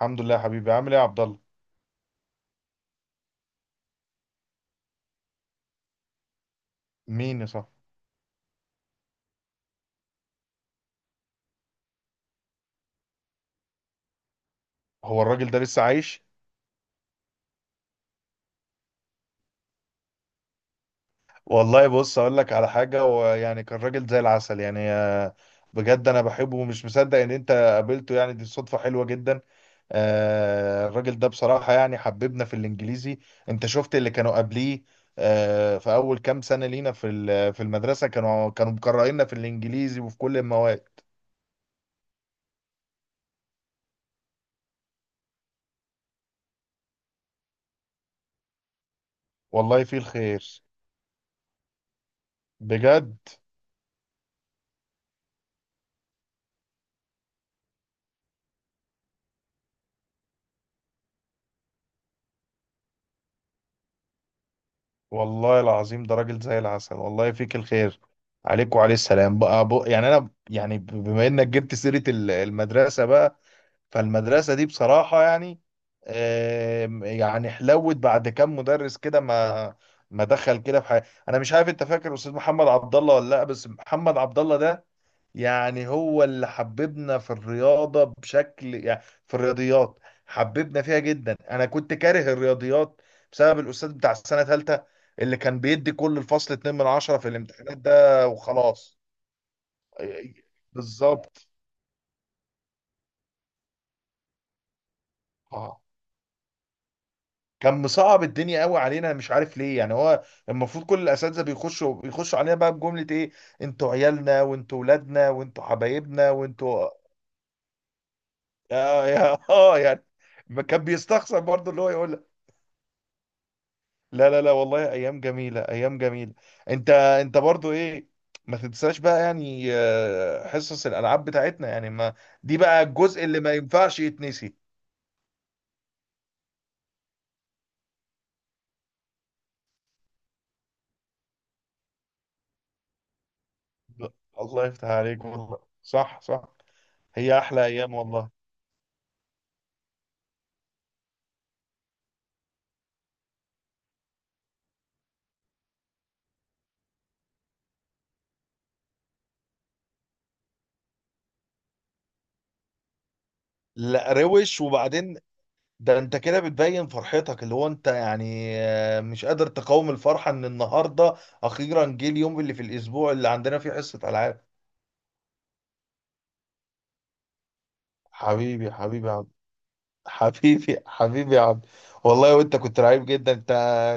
الحمد لله يا حبيبي، عامل ايه يا عبد الله؟ مين يا صاحبي؟ هو الراجل ده لسه عايش؟ والله بص اقول لك على حاجه. هو يعني كان راجل زي العسل يعني بجد انا بحبه ومش مصدق ان انت قابلته، يعني دي صدفه حلوه جدا. الراجل ده بصراحه يعني حببنا في الانجليزي. انت شفت اللي كانوا قبليه؟ في اول كام سنه لينا في في المدرسه كانوا مكرهيننا في الانجليزي وفي كل المواد. والله فيه الخير. بجد. والله العظيم ده راجل زي العسل، والله فيك الخير. عليك وعليه السلام بقى. بق يعني انا يعني بما انك جبت سيرة المدرسة بقى، فالمدرسة دي بصراحة يعني يعني حلوت بعد كام مدرس كده، ما ما دخل كده في حياتي. انا مش عارف، انت فاكر استاذ محمد عبد الله ولا لا؟ بس محمد عبد الله ده يعني هو اللي حببنا في الرياضة بشكل يعني، في الرياضيات، حببنا فيها جدا. انا كنت كاره الرياضيات بسبب الاستاذ بتاع السنة ثالثة، اللي كان بيدي كل الفصل 2 من 10 في الامتحانات ده وخلاص. بالظبط. اه. كان مصعب الدنيا قوي علينا. أنا مش عارف ليه. يعني هو المفروض كل الاساتذه بيخشوا علينا بقى بجمله ايه: انتوا عيالنا وانتوا ولادنا وانتوا حبايبنا وانتوا. اه، يا اه، يعني ما كان بيستخسر برضه اللي هو يقول. لا لا لا، والله ايام جميله، ايام جميله. انت برضو ايه؟ ما تنساش بقى، يعني حصص الالعاب بتاعتنا يعني ما، دي بقى الجزء اللي ما ينفعش يتنسي. لا، الله يفتح عليك، والله صح صح. هي احلى ايام والله. لا، روش وبعدين ده انت كده بتبين فرحتك، اللي هو انت يعني مش قادر تقاوم الفرحه ان النهارده اخيرا جه اليوم اللي في الاسبوع اللي عندنا فيه حصه العاب. حبيبي حبيبي. حبيبي حبيبي يا عبد. والله وانت كنت رعيب جدا انت،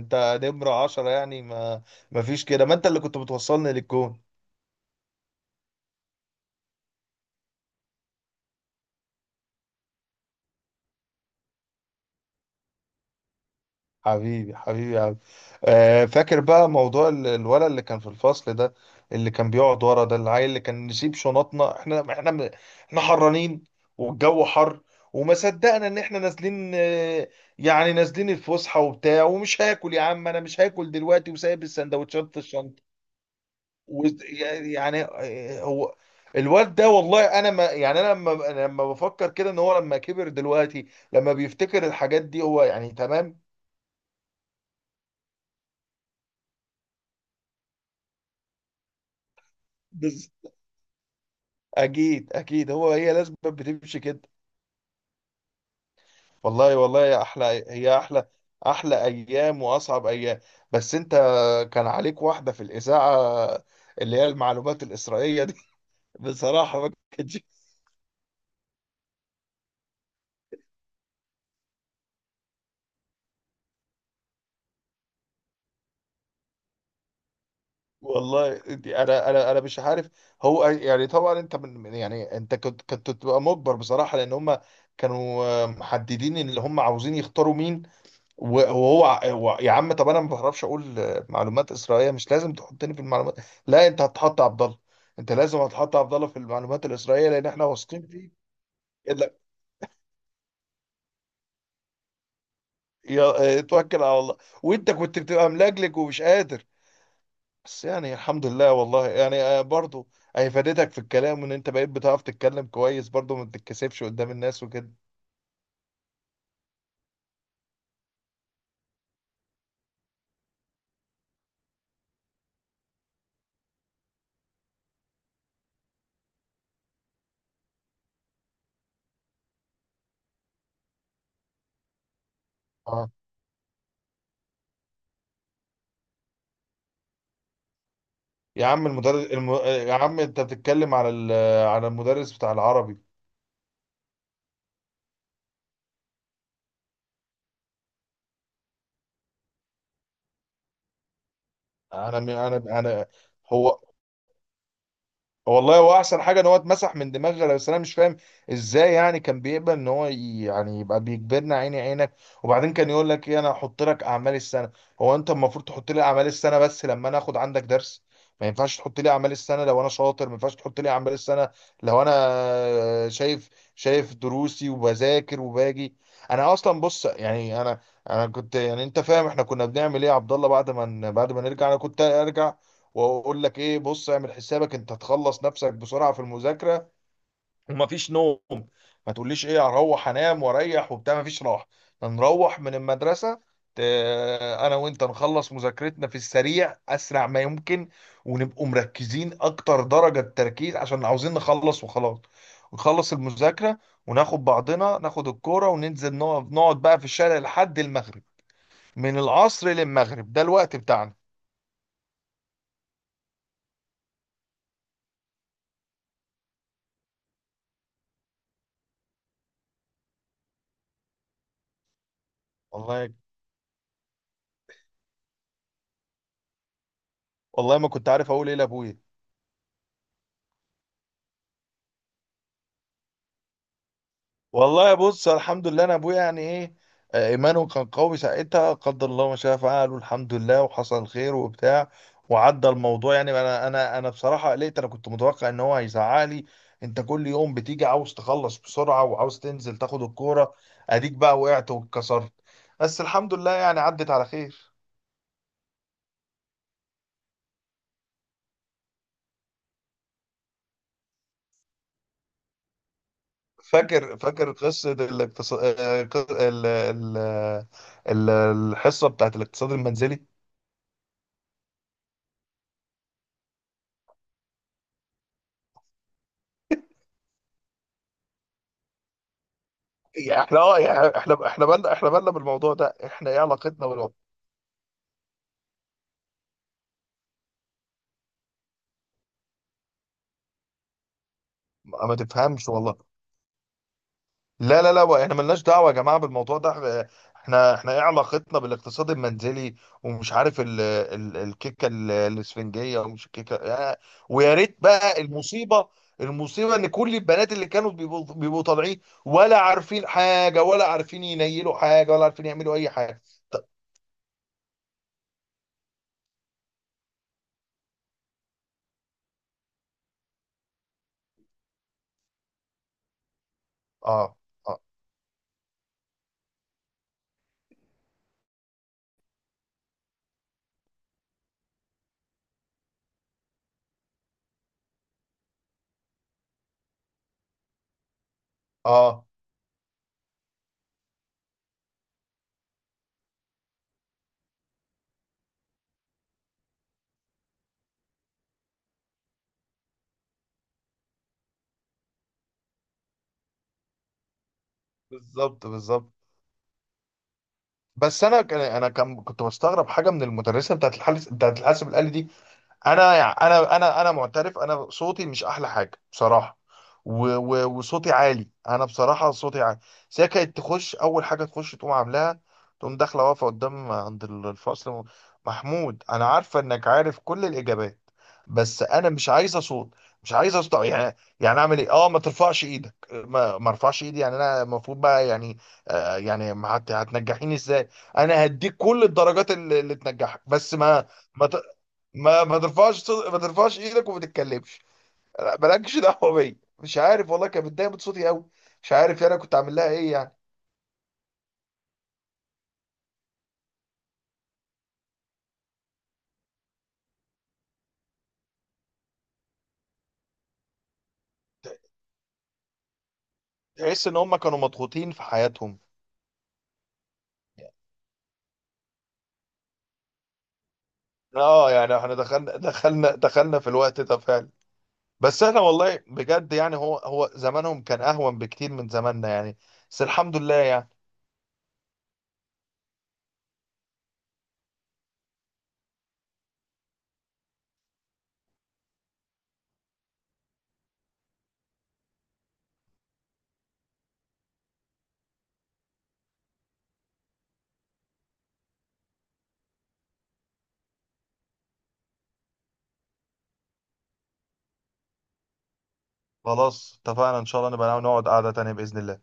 انت نمرة عشرة يعني، ما ما فيش كده، ما انت اللي كنت بتوصلني للجون. حبيبي حبيبي يا عبد. فاكر بقى موضوع الولد اللي كان في الفصل ده، اللي كان بيقعد ورا ده، العيل اللي كان نسيب شنطنا. احنا احنا حرانين والجو حر، وما صدقنا ان احنا نازلين. يعني نازلين الفسحة وبتاع، ومش هاكل، يا عم انا مش هاكل دلوقتي، وسايب السندوتشات في الشنطة. يعني، هو الواد ده، والله انا ما يعني، انا لما بفكر كده ان هو لما كبر دلوقتي، لما بيفتكر الحاجات دي، هو يعني تمام؟ بز... اكيد اكيد، هو هي لازم بتمشي كده. والله والله يا احلى، هي احلى، احلى ايام واصعب ايام. بس انت كان عليك واحده في الاذاعه، اللي هي المعلومات الاسرائيليه دي. بصراحه ما كانتش. والله دي انا انا مش عارف. هو يعني طبعا انت يعني انت كنت تبقى مجبر بصراحه، لان هم كانوا محددين ان اللي هم عاوزين يختاروا مين. وهو يا عم، طب انا ما بعرفش اقول معلومات اسرائيليه، مش لازم تحطني في المعلومات. لا، انت هتحط عبد الله، انت لازم هتحط عبد الله في المعلومات الاسرائيليه لان احنا واثقين فيه. إلا- يا توكل على الله. وانت كنت بتبقى ملجلج ومش قادر. بس يعني الحمد لله والله، يعني برضو هي فادتك في الكلام، وان انت بقيت بتعرف تتكلم كويس برضو، ما بتتكسفش قدام الناس وكده. اه، يا عم المدرس يا عم انت بتتكلم على على المدرس بتاع العربي. انا انا هو، والله هو احسن حاجه ان هو اتمسح من دماغنا. بس انا مش فاهم ازاي، يعني كان بيقبل ان هو يعني يبقى بيجبرنا عيني عينك؟ وبعدين كان يقول لك ايه؟ انا هحط لك اعمال السنه. هو انت المفروض تحط لي اعمال السنه بس لما انا اخد عندك درس؟ ما ينفعش تحط لي اعمال السنه لو انا شاطر، ما ينفعش تحط لي اعمال السنه لو انا شايف، شايف دروسي وبذاكر وباجي. انا اصلا بص يعني، انا كنت يعني، انت فاهم احنا كنا بنعمل ايه يا عبد الله بعد ما نرجع؟ انا كنت ارجع واقول لك ايه، بص اعمل حسابك، انت تخلص نفسك بسرعه في المذاكره ومفيش نوم. ما تقوليش ايه، هروح انام واريح وبتاع، مفيش راحه. نروح من المدرسه، ت- انا وانت نخلص مذاكرتنا في السريع، اسرع ما يمكن، ونبقوا مركزين اكتر درجه تركيز عشان عاوزين نخلص وخلاص. ونخلص المذاكره وناخد بعضنا، ناخد الكوره وننزل نقعد بقى في الشارع لحد المغرب. من العصر للمغرب، ده الوقت بتاعنا. والله. والله ما كنت عارف اقول ايه لابويا. والله بص الحمد لله، انا ابويا يعني ايه، ايمانه كان قوي ساعتها. قدر الله ما شاء فعل، والحمد لله وحصل خير وبتاع، وعدى الموضوع. يعني انا انا بصراحه قلقت، انا كنت متوقع ان هو هيزعلي، انت كل يوم بتيجي عاوز تخلص بسرعه وعاوز تنزل تاخد الكوره، اديك بقى وقعت واتكسرت. بس الحمد لله يعني عدت على خير. فاكر فاكر قصه الاقتصاد، ال... ال... الحصه بتاعت الاقتصاد المنزلي. يعني احنا، اه يعني احنا بالنا، احنا بالنا بالموضوع ده، احنا ايه علاقتنا بالموضوع؟ ما تفهمش والله. لا لا لا، احنا ملناش دعوه يا جماعه بالموضوع ده. احنا احنا ايه علاقتنا بالاقتصاد المنزلي؟ ومش عارف ال الكيكه الاسفنجيه، ومش الكيكه ويا ريت بقى. المصيبه، المصيبه ان كل البنات اللي كانوا بيبقوا طالعين، ولا عارفين حاجه، ولا عارفين ينيلوا حاجه، ولا عارفين يعملوا اي حاجه. طب. اه. اه. اه. بالظبط بالظبط. بس انا انا كان كنت بستغرب حاجه من المدرسه بتاعت الحاسب، بتاعت الحاسب الالي دي. انا يعني انا معترف، انا صوتي مش احلى حاجه بصراحه. و وصوتي عالي، انا بصراحه صوتي عالي. بس هي كانت تخش، اول حاجه تخش تقوم عاملاها، تقوم داخله واقفه قدام عند الفصل: محمود انا عارفه انك عارف كل الاجابات، بس انا مش عايزه صوت. مش عايزه صوت. يعني اعمل ايه؟ اه، ما ترفعش ايدك. ما ارفعش ايدي يعني؟ انا المفروض بقى يعني يعني ما هتنجحيني ازاي؟ انا هديك كل الدرجات اللي تنجحك، بس ما ما ت- ما ترفعش ما ترفعش ايدك، وما تتكلمش. لا، مالكش دعوه بيا. مش عارف والله، كانت متضايقه من صوتي قوي. مش عارف يعني انا كنت عامل لها ايه يعني. تحس ان هم كانوا مضغوطين في حياتهم. اه يعني احنا دخلنا دخلنا في الوقت ده فعلا. بس احنا والله بجد يعني هو زمانهم كان اهون بكتير من زماننا يعني. بس الحمد لله يعني. خلاص اتفقنا، ان شاء الله نبقى نقعد قعدة تانية بإذن الله.